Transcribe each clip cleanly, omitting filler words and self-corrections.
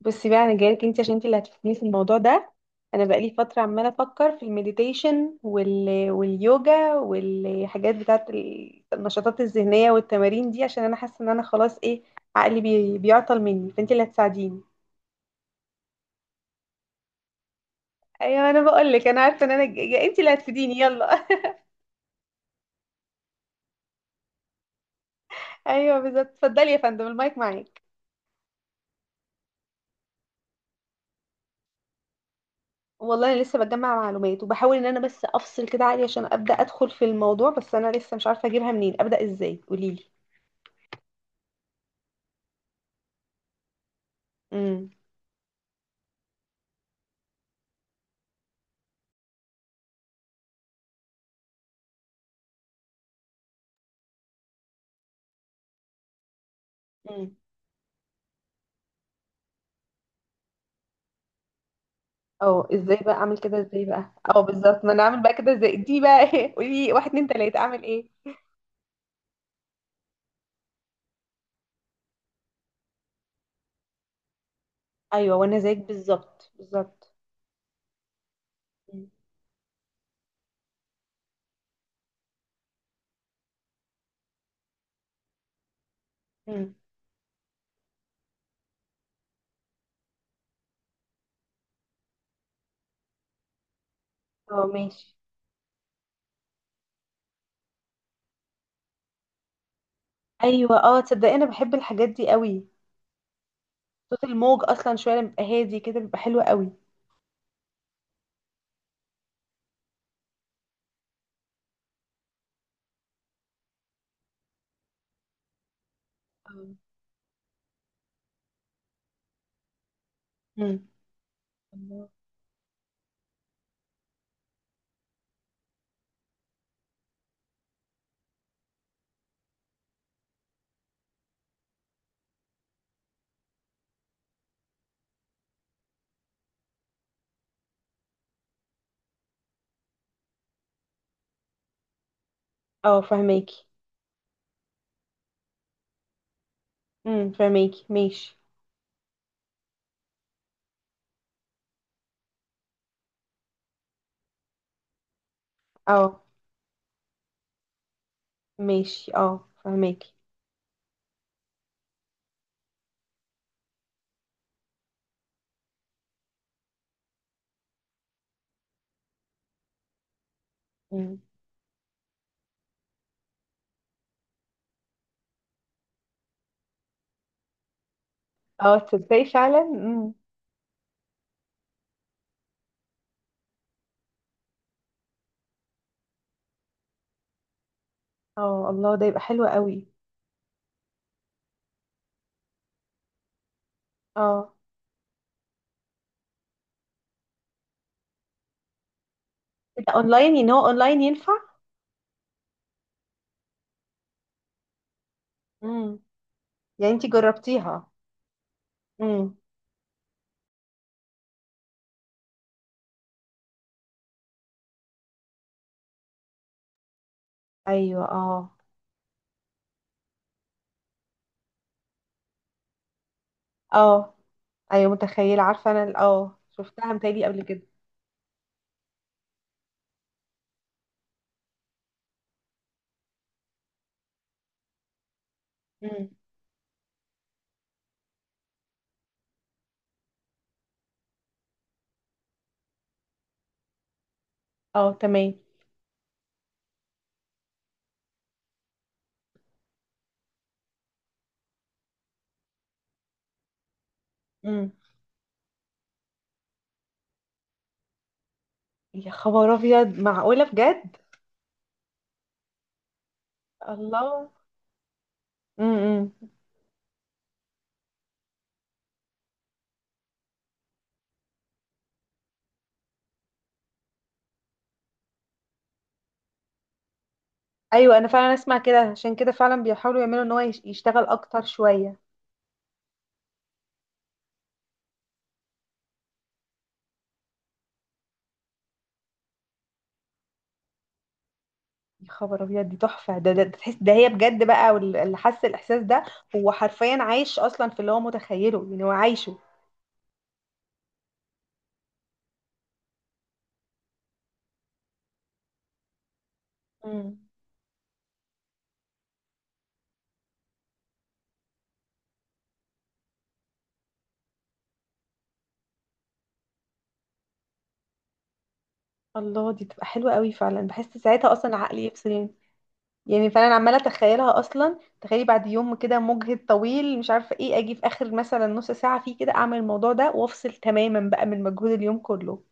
بصي بقى، انا جايلك انت عشان انت اللي هتفيدني في الموضوع ده. انا بقالي فتره عماله افكر في المديتيشن واليوجا والحاجات بتاعت النشاطات الذهنيه والتمارين دي، عشان انا حاسه ان انا خلاص ايه، عقلي بيعطل مني، فانت اللي هتساعديني. ايوه انا بقول لك انا عارفه ان انت اللي هتفيديني. يلا. ايوه بالظبط، اتفضلي يا فندم المايك معاك. والله انا لسه بجمع معلومات، وبحاول ان انا بس افصل كده عقلي عشان ابدا ادخل في الموضوع، بس انا لسه مش عارفه اجيبها منين، ابدا ازاي؟ قوليلي. امم. امم. اه، ازاي بقى اعمل كده؟ ازاي بقى؟ اه بالظبط، ما انا اعمل بقى كده ازاي دي بقى؟ ايه، قولي لي واحد اتنين تلاته اعمل ايه؟ ايوه وانا زيك بالظبط. مم. مم. اه ماشي. ايوه، اه تصدقي انا بحب الحاجات دي قوي. صوت الموج اصلا شويه لما بيبقى هادي كده بيبقى حلو قوي. اه. مم. الله. اه فهماكي. فهماكي ماشي. اه ماشي، اه فهماكي. امم. اه تصدقي فعلا. مم. اه الله، ده يبقى حلو قوي. اه. إيه ده اونلاين؟ يعني هو اونلاين ينفع؟ مم. يعني انتي جربتيها؟ امم. ايوه اه. اه. ايوه متخيله، عارفه انا اه شفتها متهيألي قبل كده. امم. اه تمام. امم. يا خبر ابيض، معقوله بجد؟ الله. امم. ايوه انا فعلا اسمع كده، عشان كده فعلا بيحاولوا يعملوا ان هو يشتغل اكتر شويه. يا خبر ابيض، دي تحفه. ده تحس ده هي بجد بقى، اللي حس الاحساس ده هو حرفيا عايش اصلا في اللي هو متخيله، يعني هو عايشه. امم. الله، دي تبقى حلوه قوي. فعلا بحس ساعتها اصلا عقلي يفصل يعني. يعني فانا عماله اتخيلها اصلا. تخيلي بعد يوم كده مجهد طويل مش عارفه ايه، اجي في اخر مثلا نص ساعه فيه كده اعمل الموضوع ده وافصل تماما بقى من مجهود اليوم كله.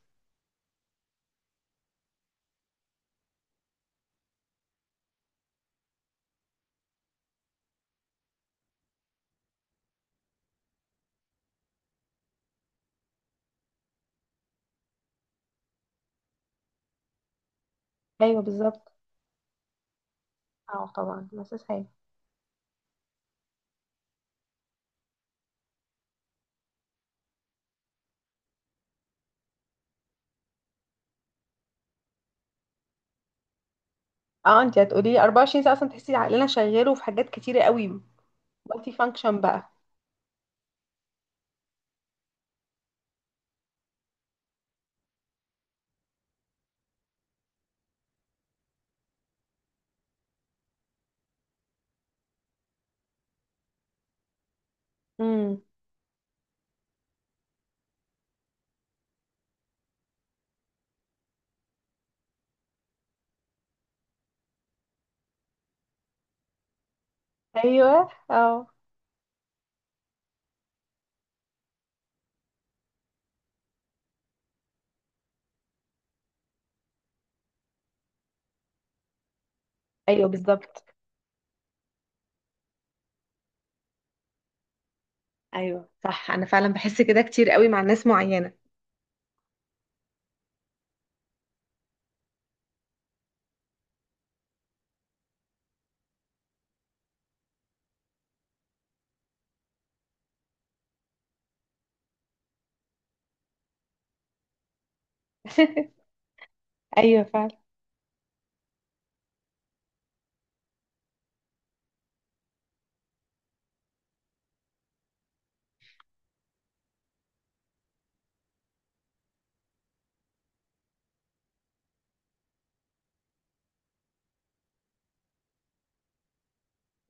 ايوه بالظبط. اه طبعا مساس حاجه. اه انت هتقولي لي 24 ساعه اصلا تحسي عقلنا شغال، وفي حاجات كتيره قوي. مالتي فانكشن بقى. امم. ايوه اه. ايوه بالظبط. ايوه صح، انا فعلا بحس كده كتير قوي مع ناس معينه. ايوه فعلا.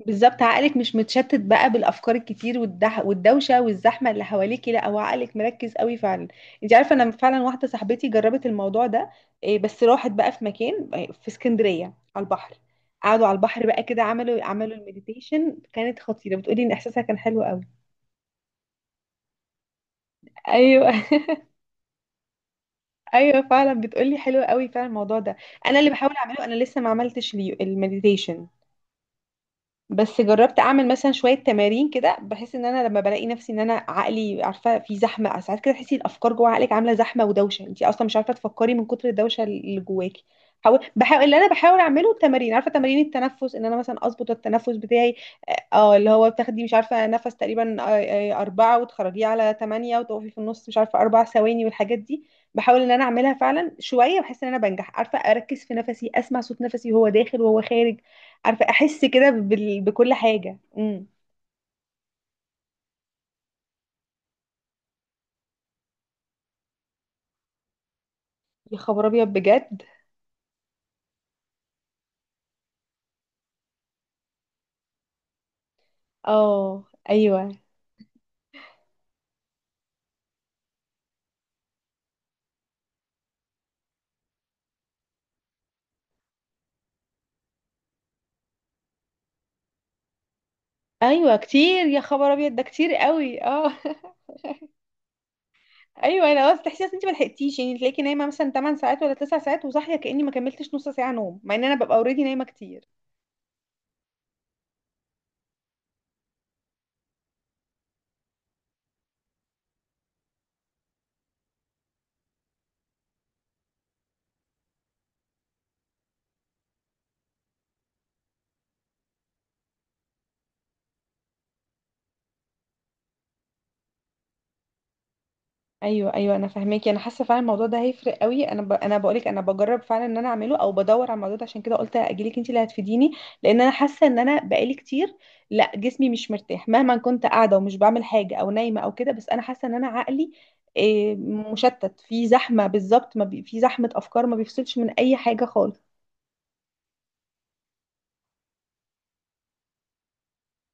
بالظبط، عقلك مش متشتت بقى بالافكار الكتير والدح والدوشه والزحمه اللي حواليكي، لا هو عقلك مركز قوي فعلا. انت عارفه، انا فعلا واحده صاحبتي جربت الموضوع ده. إيه، بس راحت بقى في مكان إيه، في اسكندريه، على البحر. قعدوا على البحر بقى كده، عملوا عملوا المديتيشن، كانت خطيره بتقولي ان احساسها كان حلو قوي. ايوه. ايوه فعلا بتقولي حلو قوي فعلا الموضوع ده. انا اللي بحاول اعمله، انا لسه ما عملتش ليه المديتيشن، بس جربت اعمل مثلا شويه تمارين كده. بحس ان انا لما بلاقي نفسي ان انا عقلي، عارفه، في زحمه ساعات كده. تحسي الافكار جوه عقلك عامله زحمه ودوشه، انت اصلا مش عارفه تفكري من كتر الدوشه اللي جواكي. بحاول اللي انا بحاول اعمله التمارين، عارفه، تمارين التنفس، ان انا مثلا اظبط التنفس بتاعي. اه اللي هو بتاخدي مش عارفة نفس تقريبا 4 وتخرجيه على 8 وتقفي في النص مش عارفة 4 ثواني، والحاجات دي. بحاول إن أنا أعملها فعلا شوية، بحس إن أنا بنجح، عارفة أركز في نفسي، أسمع صوت نفسي وهو داخل وهو خارج، عارفة أحس كده بكل حاجة. امم. يا خبر أبيض بجد. اه. أيوه. أيوه كتير، يا خبر أبيض ده كتير قوي اه. أيوه أنا أصلا تحسي أصلا أنت ملحقتيش، يعني تلاقيكي نايمة مثلا 8 ساعات ولا 9 ساعات، وصاحية كأني ما كملتش نص ساعة نوم، مع إن أنا ببقى أوريدي نايمة كتير. ايوه ايوه انا فاهماكي. انا حاسه فعلا الموضوع ده هيفرق قوي. انا انا بقولك انا بجرب فعلا ان انا اعمله او بدور على الموضوع ده، عشان كده قلت اجيلك انت اللي هتفيديني. لان انا حاسه ان انا بقالي كتير، لا جسمي مش مرتاح مهما كنت قاعده ومش بعمل حاجه او نايمه او كده، بس انا حاسه ان انا عقلي إيه، مشتت في زحمه بالظبط. ما بي... في زحمه افكار، ما بيفصلش من اي حاجه خالص.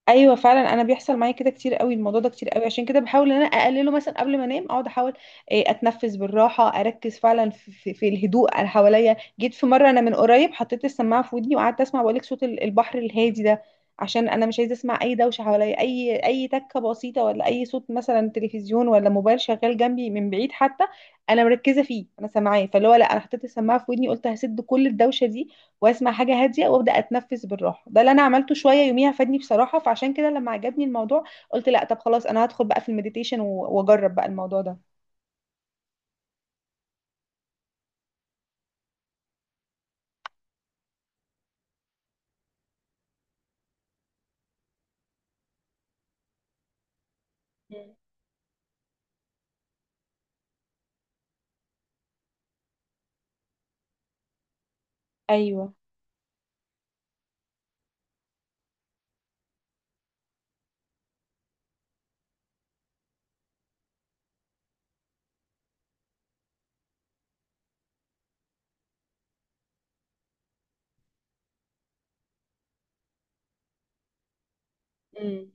ايوه فعلا، انا بيحصل معايا كده كتير قوي الموضوع ده، كتير قوي. عشان كده بحاول ان انا اقلله. مثلا قبل ما انام اقعد احاول إيه، اتنفس بالراحه، اركز فعلا في الهدوء اللي حواليا. جيت في مره انا من قريب حطيت السماعه في ودني وقعدت اسمع، بقولك صوت البحر الهادي ده، عشان انا مش عايزه اسمع اي دوشه حواليا، اي تكه بسيطه ولا اي صوت مثلا تلفزيون ولا موبايل شغال جنبي من بعيد حتى. انا مركزه فيه، انا سامعاه، فاللي هو لا، انا حطيت السماعه في ودني قلت هسد كل الدوشه دي واسمع حاجه هاديه وابدا اتنفس بالراحه. ده اللي انا عملته شويه يوميها، فادني بصراحه، فعشان كده لما عجبني الموضوع قلت لا طب خلاص انا هدخل بقى في المديتيشن واجرب بقى الموضوع ده. مم. ايوه. مم.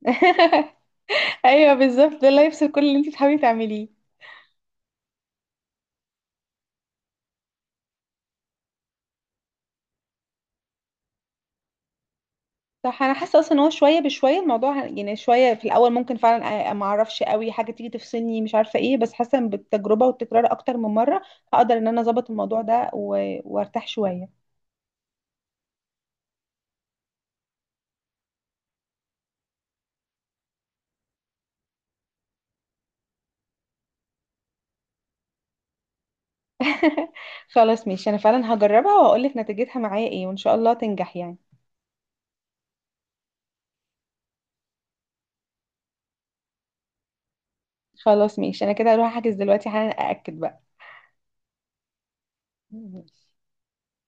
ايوه بالظبط، ده اللي يفصل كل اللي انت بتحاولي تعمليه. صح. انا حاسه اصلا ان هو شويه بشويه الموضوع يعني شويه في الاول ممكن فعلا ما اعرفش قوي حاجه تيجي تفصلني مش عارفه ايه، بس حاسه إن بالتجربه والتكرار اكتر من مره هقدر ان انا اظبط الموضوع ده وارتاح شويه. خلاص ماشي، انا فعلا هجربها واقول لك نتيجتها معايا ايه، وان شاء الله تنجح يعني. خلاص ماشي، انا كده هروح احجز دلوقتي حالا ااكد بقى. ماشي.